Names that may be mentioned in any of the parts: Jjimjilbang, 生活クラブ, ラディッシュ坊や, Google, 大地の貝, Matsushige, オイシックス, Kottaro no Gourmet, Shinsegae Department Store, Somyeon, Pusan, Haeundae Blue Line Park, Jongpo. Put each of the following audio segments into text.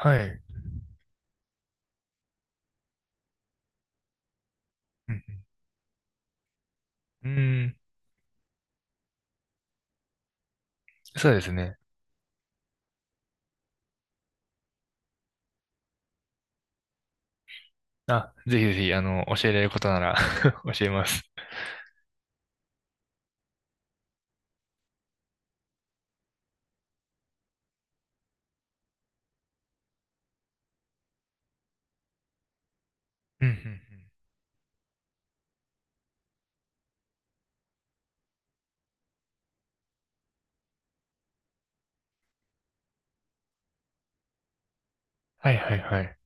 はい。うんうん、うーん、そうですね。あ、ぜひぜひ、教えられることなら 教えます。うん、うん、うん。はい、はい、はい。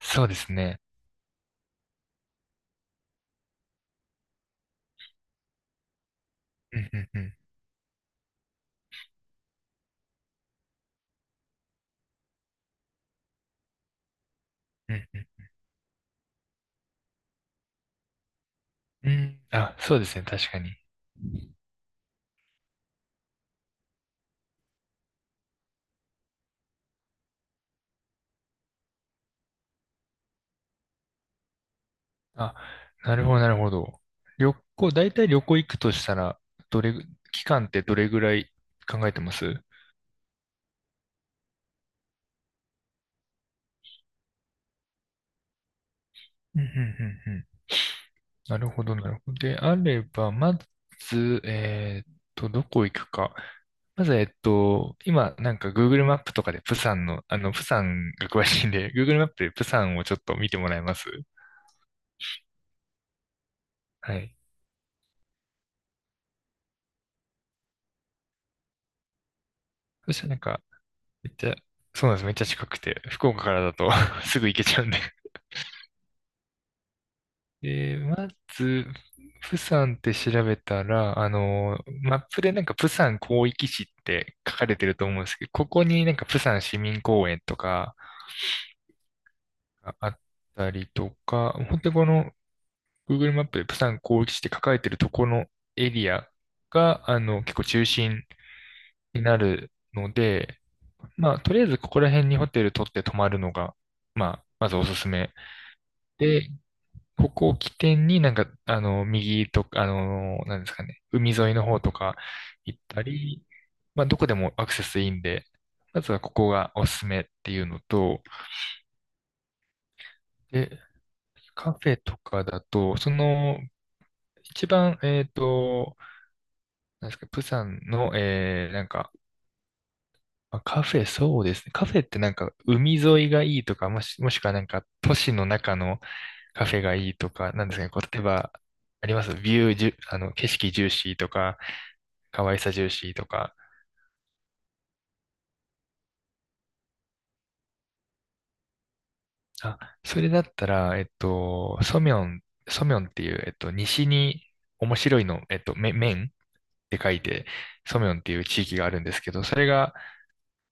そうですね。うん、うん、うん、うん、うん。うん、あ、そうですね。確かに。あ、なるほど、なるほど。大体旅行行くとしたら、どれぐ、期間ってどれぐらい考えてます？うん、うん、うんうん、なるほど、なるほど。であれば、まず、どこ行くか。まず、今、なんか Google マップとかで、プサンが詳しいんで、Google マップでプサンをちょっと見てもらえます？はい。そしたらなんか、めっちゃ、そうなんです。めっちゃ近くて、福岡からだと すぐ行けちゃうんで。で、まず、プサンって調べたら、マップでなんかプサン広域市って書かれてると思うんですけど、ここになんかプサン市民公園とか、があったりとか、本当にこの Google マップでプサン広域市って書かれてるとこのエリアが、結構中心になるので、まあ、とりあえずここら辺にホテル取って泊まるのが、まあ、まずおすすめ。で、ここを起点になんか、右とか、なんですかね、海沿いの方とか行ったり、まあ、どこでもアクセスいいんで、まずはここがおすすめっていうのと、で、カフェとかだと、その一番、なんですか、プサンの、なんか、まあカフェ、そうですね。カフェってなんか、海沿いがいいとか、もしくはなんか、都市の中のカフェがいいとか、なんですかね、こう例えば、ありますビューじゅ、あの、景色重視とか、可愛さ重視とか。あ、それだったら、ソミョンっていう、西に面白いの、面って書いて、ソミョンっていう地域があるんですけど、それが、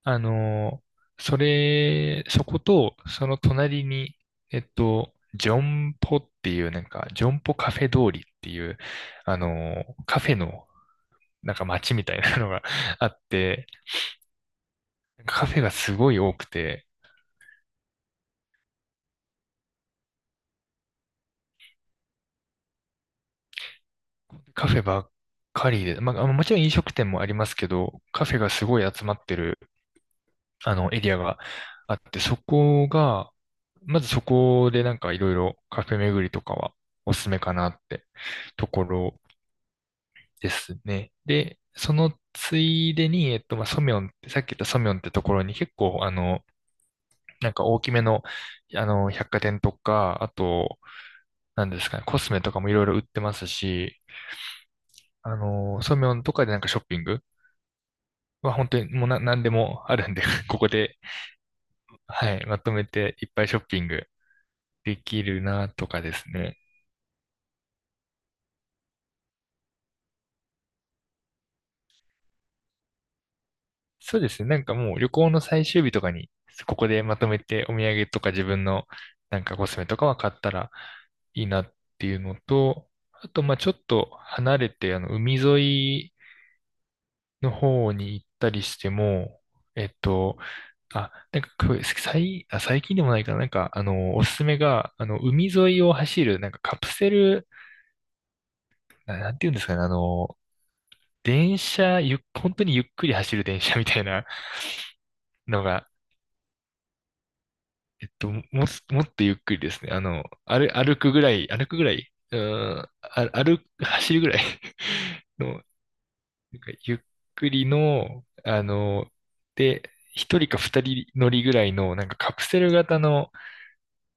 あのそこと、その隣に、ジョンポっていう、なんか、ジョンポカフェ通りっていう、あのカフェの、なんか街みたいなのが あって、カフェがすごい多くて、カフェばっかりで、まあ、もちろん飲食店もありますけど、カフェがすごい集まってる、エリアがあって、そこが、まずそこでなんかいろいろカフェ巡りとかはおすすめかなってところですね。で、そのついでに、まあ、ソミョンって、さっき言ったソミョンってところに結構、なんか大きめの、百貨店とか、あと、なんですかね、コスメとかもいろいろ売ってますし、ソミョンとかでなんかショッピングは本当にもうなでもあるんで ここで、はい、まとめていっぱいショッピングできるなとかですね。そうですね。なんかもう旅行の最終日とかに、ここでまとめてお土産とか自分のなんかコスメとかは買ったらいいなっていうのと、あと、まあちょっと離れて、海沿いの方に行ったりしても、えっと、なんかこれ、最近でもないかな、なんか、おすすめが、海沿いを走る、なんかカプセル、なんていうんですかね、あの、電車、ゆっ、本当にゆっくり走る電車みたいなのがもっとゆっくりですね。歩くぐらい、走るぐらい の、なんかゆっくりの、で、一人か二人乗りぐらいの、なんかカプセル型の、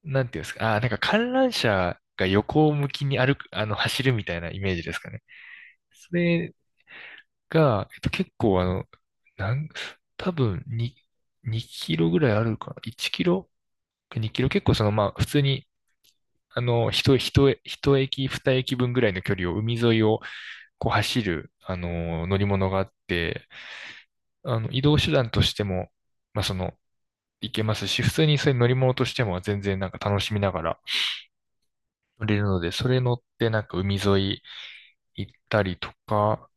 なんていうんですか、なんか観覧車が横向きに歩く、あの、走るみたいなイメージですかね。それが、結構なん、多分2キロぐらいあるかな ?1 キロ ?2 キロ結構まあ普通に一駅、二駅分ぐらいの距離を海沿いをこう走る、乗り物があって、移動手段としても、まあ、行けますし、普通にそれ乗り物としても全然なんか楽しみながら乗れるので、それ乗ってなんか海沿い行ったりとか、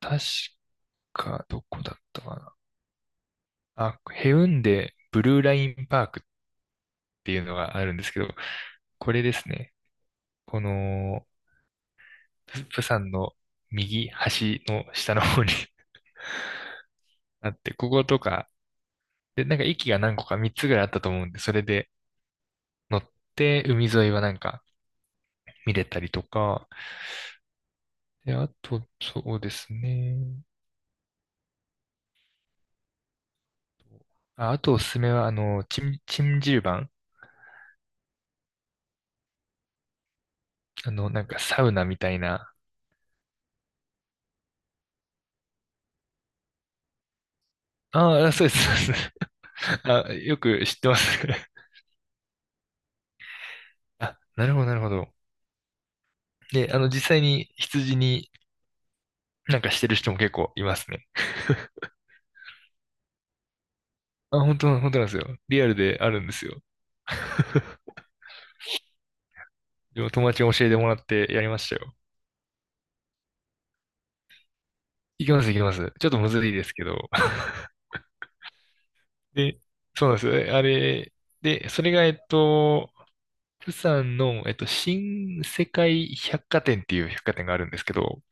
確かどこだったかな。あ、ヘウンデブルーラインパークっていうのがあるんですけど、これですね。この、プサンの右端の下の方に あって、こことか、で、なんか駅が何個か3つぐらいあったと思うんで、それで乗って海沿いはなんか見れたりとか、で、あと、そうですね。あ、あとおすすめは、チンジルバン。なんかサウナみたいな。ああ、そうです、そうです。あ、よく知ってます。あ、なるほど、なるほど。で、実際に羊になんかしてる人も結構いますね。あ、本当、本当なんですよ。リアルであるんですよ。でも友達に教えてもらってやりましたよ。いきます、いきます。ちょっとむずいですけど。で、そうなんですよ。えあれ、で、それが、釜山の、新世界百貨店っていう百貨店があるんですけど、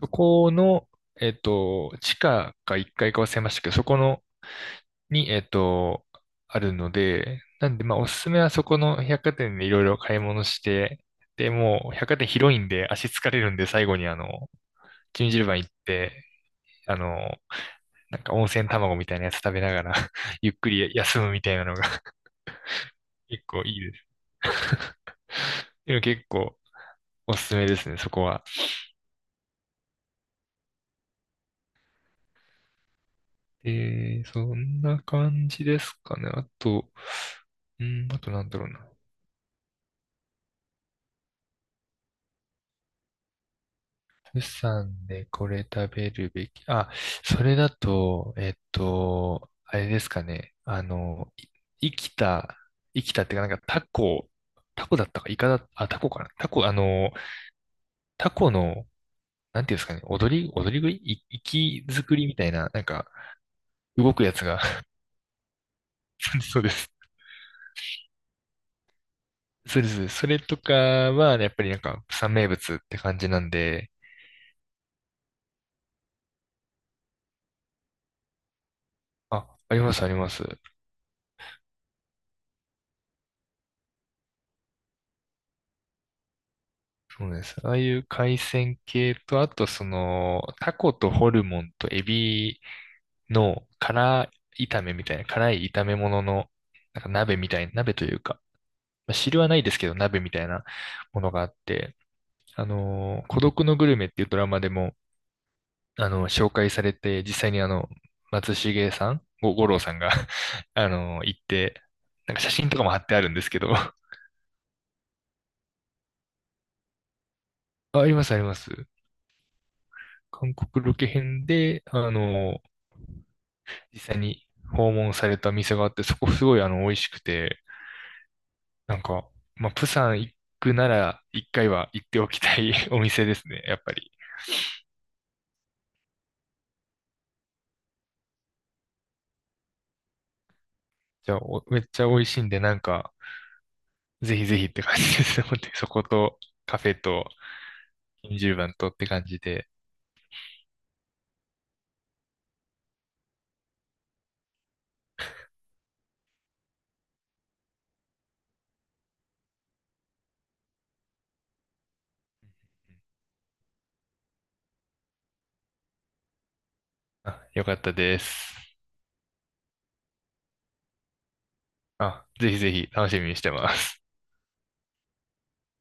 そこの、地下か1階かいか忘れましたけど、そこの、に、あるので、なんで、まあ、おすすめはそこの百貨店でいろいろ買い物して、で、もう、百貨店広いんで、足疲れるんで、最後に、チンジルバン行って、あの、なんか温泉卵みたいなやつ食べながら ゆっくり休むみたいなのが 結構いいですね。いや、結構おすすめですね、そこは。そんな感じですかね。あと、うん、あとなんだろうな。釜山でこれ食べるべき。あ、それだと、あれですかね。生きた、生きたっていうか、なんかタコ、タコだったか、イカだ、あ、タコかな。タコ、タコの、なんていうんですかね、踊り食い、活き作りみたいな、なんか、動くやつが、そうです。そうです。それとかは、やっぱりなんか、釜山名物って感じなんで、あ、あります、あります。そうです。ああいう海鮮系と、あとその、タコとホルモンとエビの辛炒めみたいな、辛い炒め物の、なんか鍋みたいな、鍋というか、まあ、汁はないですけど、鍋みたいなものがあって、孤独のグルメっていうドラマでも、紹介されて、実際に松重さん、五郎さんが 行って、なんか写真とかも貼ってあるんですけど あ、あります、あります。韓国ロケ編で、実際に訪問された店があって、そこすごい美味しくて、なんか、まあ、プサン行くなら、一回は行っておきたい お店ですね、やっぱり。じゃあ、おめっちゃ美味しいんで、なんか、ぜひぜひって感じですね。本当にそこと、カフェと、金十番とって感じで、あ、よかったです。あ、ぜひぜひ楽しみにしてます。